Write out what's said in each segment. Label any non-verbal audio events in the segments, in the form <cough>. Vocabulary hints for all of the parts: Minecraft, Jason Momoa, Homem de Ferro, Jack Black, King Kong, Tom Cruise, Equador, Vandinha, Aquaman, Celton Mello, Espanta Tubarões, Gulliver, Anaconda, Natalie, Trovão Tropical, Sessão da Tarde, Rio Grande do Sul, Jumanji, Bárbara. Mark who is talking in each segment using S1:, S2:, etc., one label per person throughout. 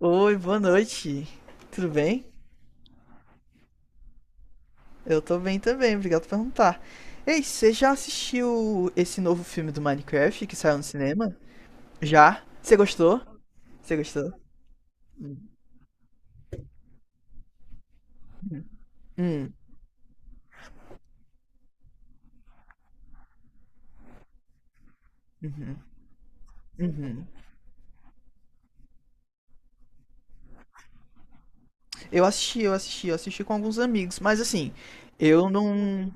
S1: Oi, boa noite. Tudo bem? Eu tô bem também, obrigado por perguntar. Ei, você já assistiu esse novo filme do Minecraft que saiu no cinema? Já? Você gostou? Você gostou? Hum, uhum. Eu assisti, eu assisti, eu assisti com alguns amigos, mas assim, eu não.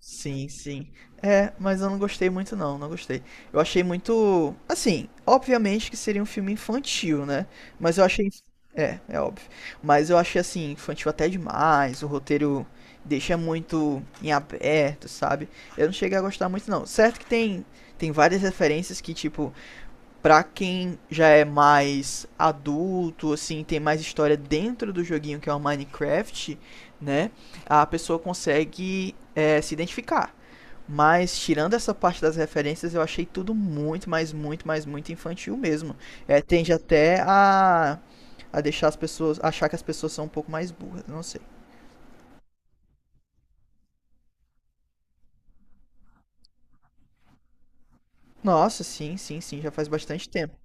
S1: Sim, sim. É, mas eu não gostei muito não, não gostei. Eu achei muito, assim, obviamente que seria um filme infantil, né? Mas eu achei, é óbvio. Mas eu achei assim infantil até demais, o roteiro deixa muito em aberto, sabe? Eu não cheguei a gostar muito não. Certo que tem várias referências que tipo, pra quem já é mais adulto, assim, tem mais história dentro do joguinho que é o Minecraft, né? A pessoa consegue se identificar. Mas tirando essa parte das referências, eu achei tudo muito, mas muito, mas muito infantil mesmo. É, tende até a deixar as pessoas, achar que as pessoas são um pouco mais burras, não sei. Nossa, sim, sim, sim, já faz bastante tempo.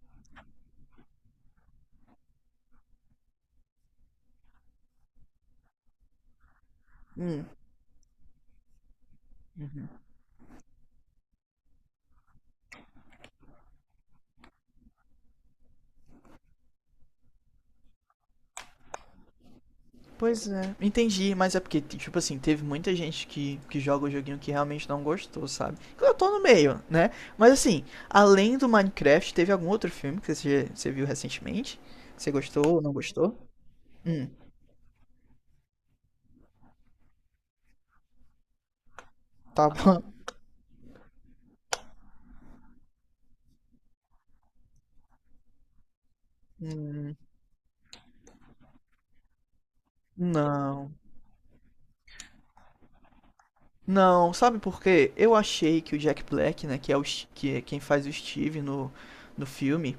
S1: Pois é, entendi, mas é porque, tipo assim, teve muita gente que joga o joguinho que realmente não gostou, sabe? Eu tô no meio, né? Mas assim, além do Minecraft, teve algum outro filme que você viu recentemente? Você gostou ou não gostou? Hum, tá bom. Hum. Não. Não, sabe por quê? Eu achei que o Jack Black, né, que é, que é quem faz o Steve no filme,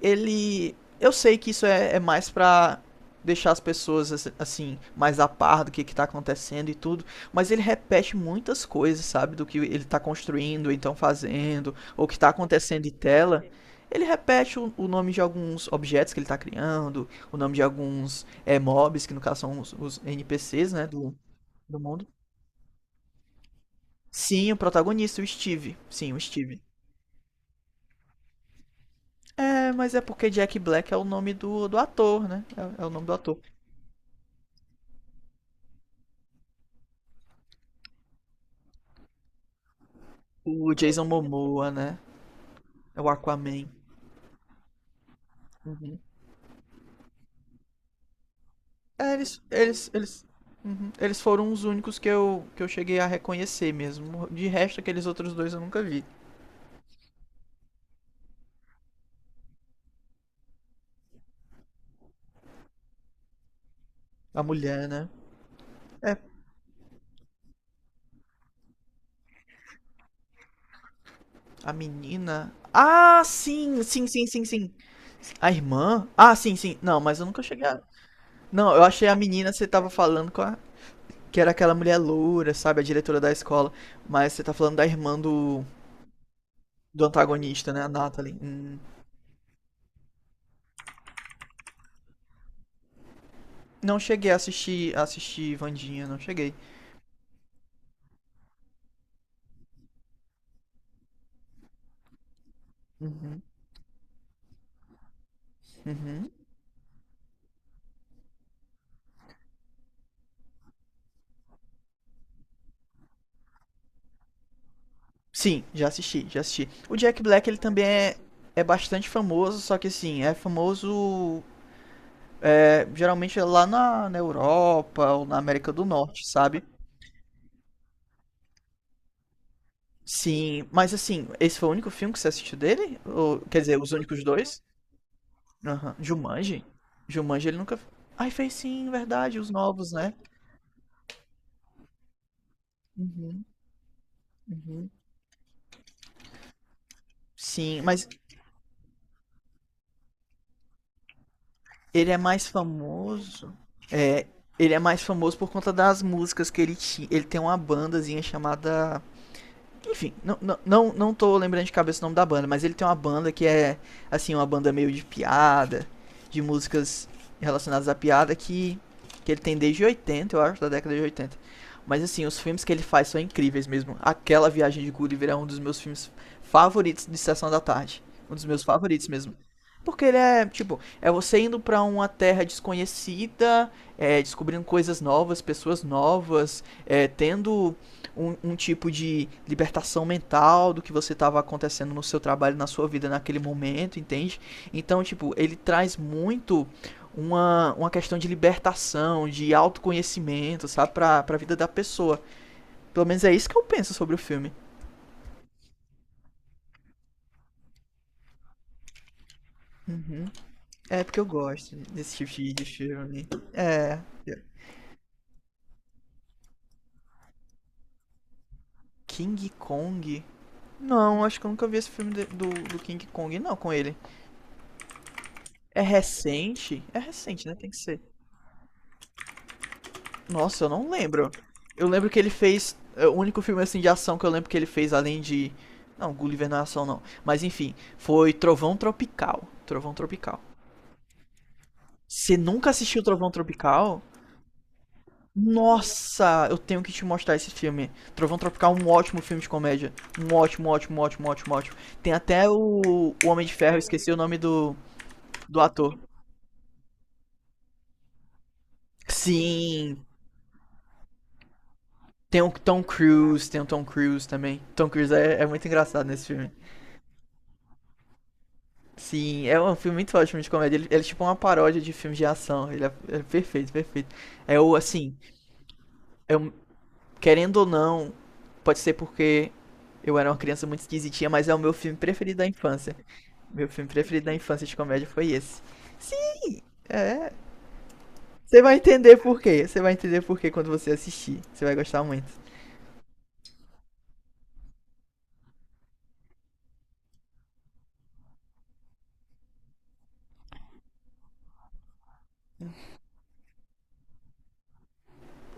S1: ele. Eu sei que isso é mais pra deixar as pessoas assim, mais a par do que tá acontecendo e tudo, mas ele repete muitas coisas, sabe, do que ele tá construindo, ou então fazendo, ou que tá acontecendo em tela. Ele repete o nome de alguns objetos que ele tá criando, o nome de alguns mobs, que no caso são os NPCs, né, do mundo. Sim, o protagonista, o Steve. Sim, o Steve. É, mas é porque Jack Black é o nome do ator, né? É o nome do ator. O Jason Momoa, né? É o Aquaman. Uhum. É, eles, uhum, eles foram os únicos que eu cheguei a reconhecer mesmo. De resto, aqueles outros dois eu nunca vi. A mulher, né? É, a menina. Ah, sim, sim, sim, sim, sim. A irmã? Ah, sim, sim. Não, mas eu nunca cheguei a... Não, eu achei a menina, você tava falando com a... Que era aquela mulher loura, sabe? A diretora da escola. Mas você tá falando da irmã do, do antagonista, né? A Natalie. Hum. Não cheguei a assistir Vandinha, não cheguei. Uhum, uhum. Sim, já assisti, já assisti. O Jack Black, ele também é bastante famoso, só que assim, é famoso geralmente é lá na Europa ou na América do Norte, sabe? Sim, mas assim, esse foi o único filme que você assistiu dele? Ou, quer dizer, os únicos dois? Aham. Jumanji? Jumanji ele nunca. Ai, fez sim, verdade, os novos, né? Uhum. Sim, mas ele é mais famoso. É, ele é mais famoso por conta das músicas que ele tinha. Ele tem uma bandazinha chamada. Enfim, não, não, não, não tô lembrando de cabeça o nome da banda, mas ele tem uma banda que é, assim, uma banda meio de piada, de músicas relacionadas à piada que ele tem desde 80 eu acho, da década de oitenta. Mas, assim, os filmes que ele faz são incríveis mesmo. Aquela Viagem de Gulliver é um dos meus filmes favoritos de Sessão da Tarde. Um dos meus favoritos mesmo. Porque ele é, tipo, é você indo pra uma terra desconhecida, é, descobrindo coisas novas, pessoas novas, é, tendo um, um tipo de libertação mental do que você estava acontecendo no seu trabalho, na sua vida naquele momento, entende? Então, tipo, ele traz muito uma questão de libertação, de autoconhecimento, sabe? Pra, pra vida da pessoa. Pelo menos é isso que eu penso sobre o filme. Uhum. É porque eu gosto desse tipo de filme. É. King Kong? Não, acho que eu nunca vi esse filme de- do, do King Kong, não, com ele. É recente? É recente, né? Tem que ser. Nossa, eu não lembro. Eu lembro que ele fez. O único filme assim de ação que eu lembro que ele fez, além de. Não, Gulliver não é ação não. Mas enfim, foi Trovão Tropical. Trovão Tropical. Você nunca assistiu Trovão Tropical? Nossa, eu tenho que te mostrar esse filme. Trovão Tropical é um ótimo filme de comédia. Um ótimo, ótimo, ótimo, ótimo, ótimo. Tem até o Homem de Ferro, eu esqueci o nome do ator. Sim, tem o Tom Cruise, tem o Tom Cruise também. Tom Cruise é muito engraçado nesse filme. Sim, é um filme muito ótimo de comédia. Ele é tipo uma paródia de filmes de ação. Ele é perfeito, perfeito. É o, assim, é um- querendo ou não, pode ser porque eu era uma criança muito esquisitinha, mas é o meu filme preferido da infância. Meu filme preferido da infância de comédia foi esse. Sim, é. Você vai entender por quê. Você vai entender por quê quando você assistir. Você vai gostar muito.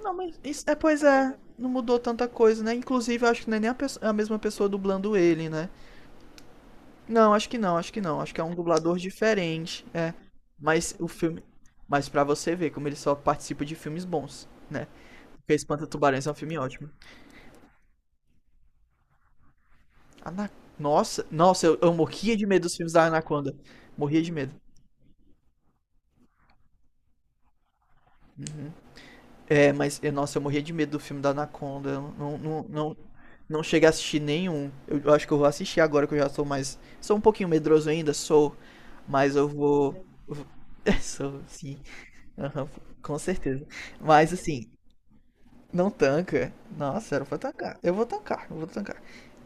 S1: Não, mas isso, é, pois é, não mudou tanta coisa, né? Inclusive, eu acho que não é nem a mesma pessoa dublando ele, né? Não, acho que não, acho que não. Acho que é um dublador diferente, é. Mas o filme. Mas pra você ver como ele só participa de filmes bons, né? Porque Espanta Tubarões é um filme ótimo. Ana... Nossa, nossa, eu morria de medo dos filmes da Anaconda. Morria de medo. É, mas, eu- nossa, eu morria de medo do filme da Anaconda. Eu não, não, não, não cheguei a assistir nenhum. Eu acho que eu vou assistir agora que eu já sou mais. Sou um pouquinho medroso ainda, sou. Mas eu vou. eu vou- <laughs> sou, sim. Aham, com certeza. Mas assim, não tanca. Nossa, era pra tancar. Eu vou tancar, eu vou tancar.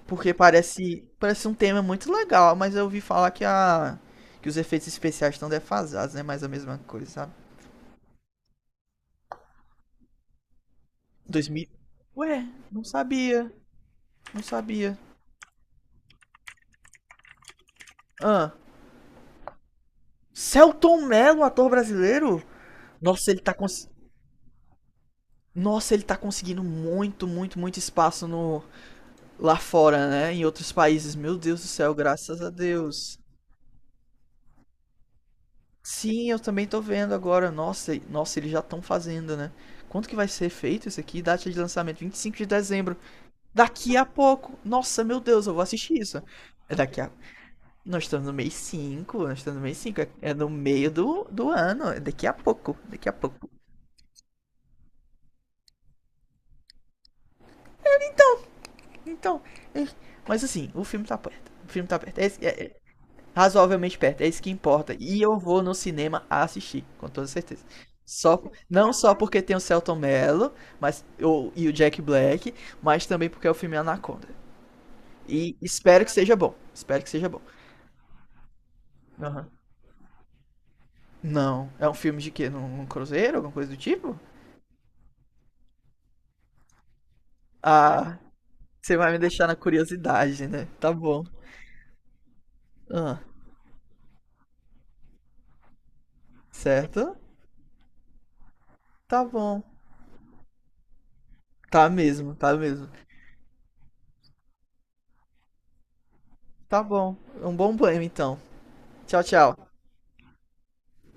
S1: Porque parece, parece um tema muito legal, mas eu ouvi falar que os efeitos especiais estão defasados, né? Mais a mesma coisa, sabe? 2000. Ué, não sabia. Não sabia. Ah, Celton Mello, ator brasileiro? Nossa, Nossa, ele tá conseguindo muito, muito, muito espaço no lá fora, né? Em outros países. Meu Deus do céu, graças a Deus. Sim, eu também tô vendo agora. Nossa, nossa, eles já estão fazendo, né? Quanto que vai ser feito isso aqui? Data de lançamento 25 de dezembro. Daqui a pouco. Nossa, meu Deus, eu vou assistir isso. É daqui a Nós estamos no mês cinco, nós estamos no mês cinco, é no meio do ano, é daqui a pouco, daqui a pouco. Então, é- mas assim, o filme tá perto. O filme tá perto. É, razoavelmente perto. É isso que importa. E eu vou no cinema assistir, com toda certeza. Só, não só porque tem o Celton Mello, mas, o, e o Jack Black, mas também porque é o filme Anaconda. E espero que seja bom. Espero que seja bom. Aham. Não. É um filme de quê? Num, num cruzeiro? Alguma coisa do tipo? Ah, você vai me deixar na curiosidade, né? Tá bom. Ah, certo? Tá bom. Tá mesmo, tá mesmo. Tá bom. Um bom banho, então. Tchau, tchau.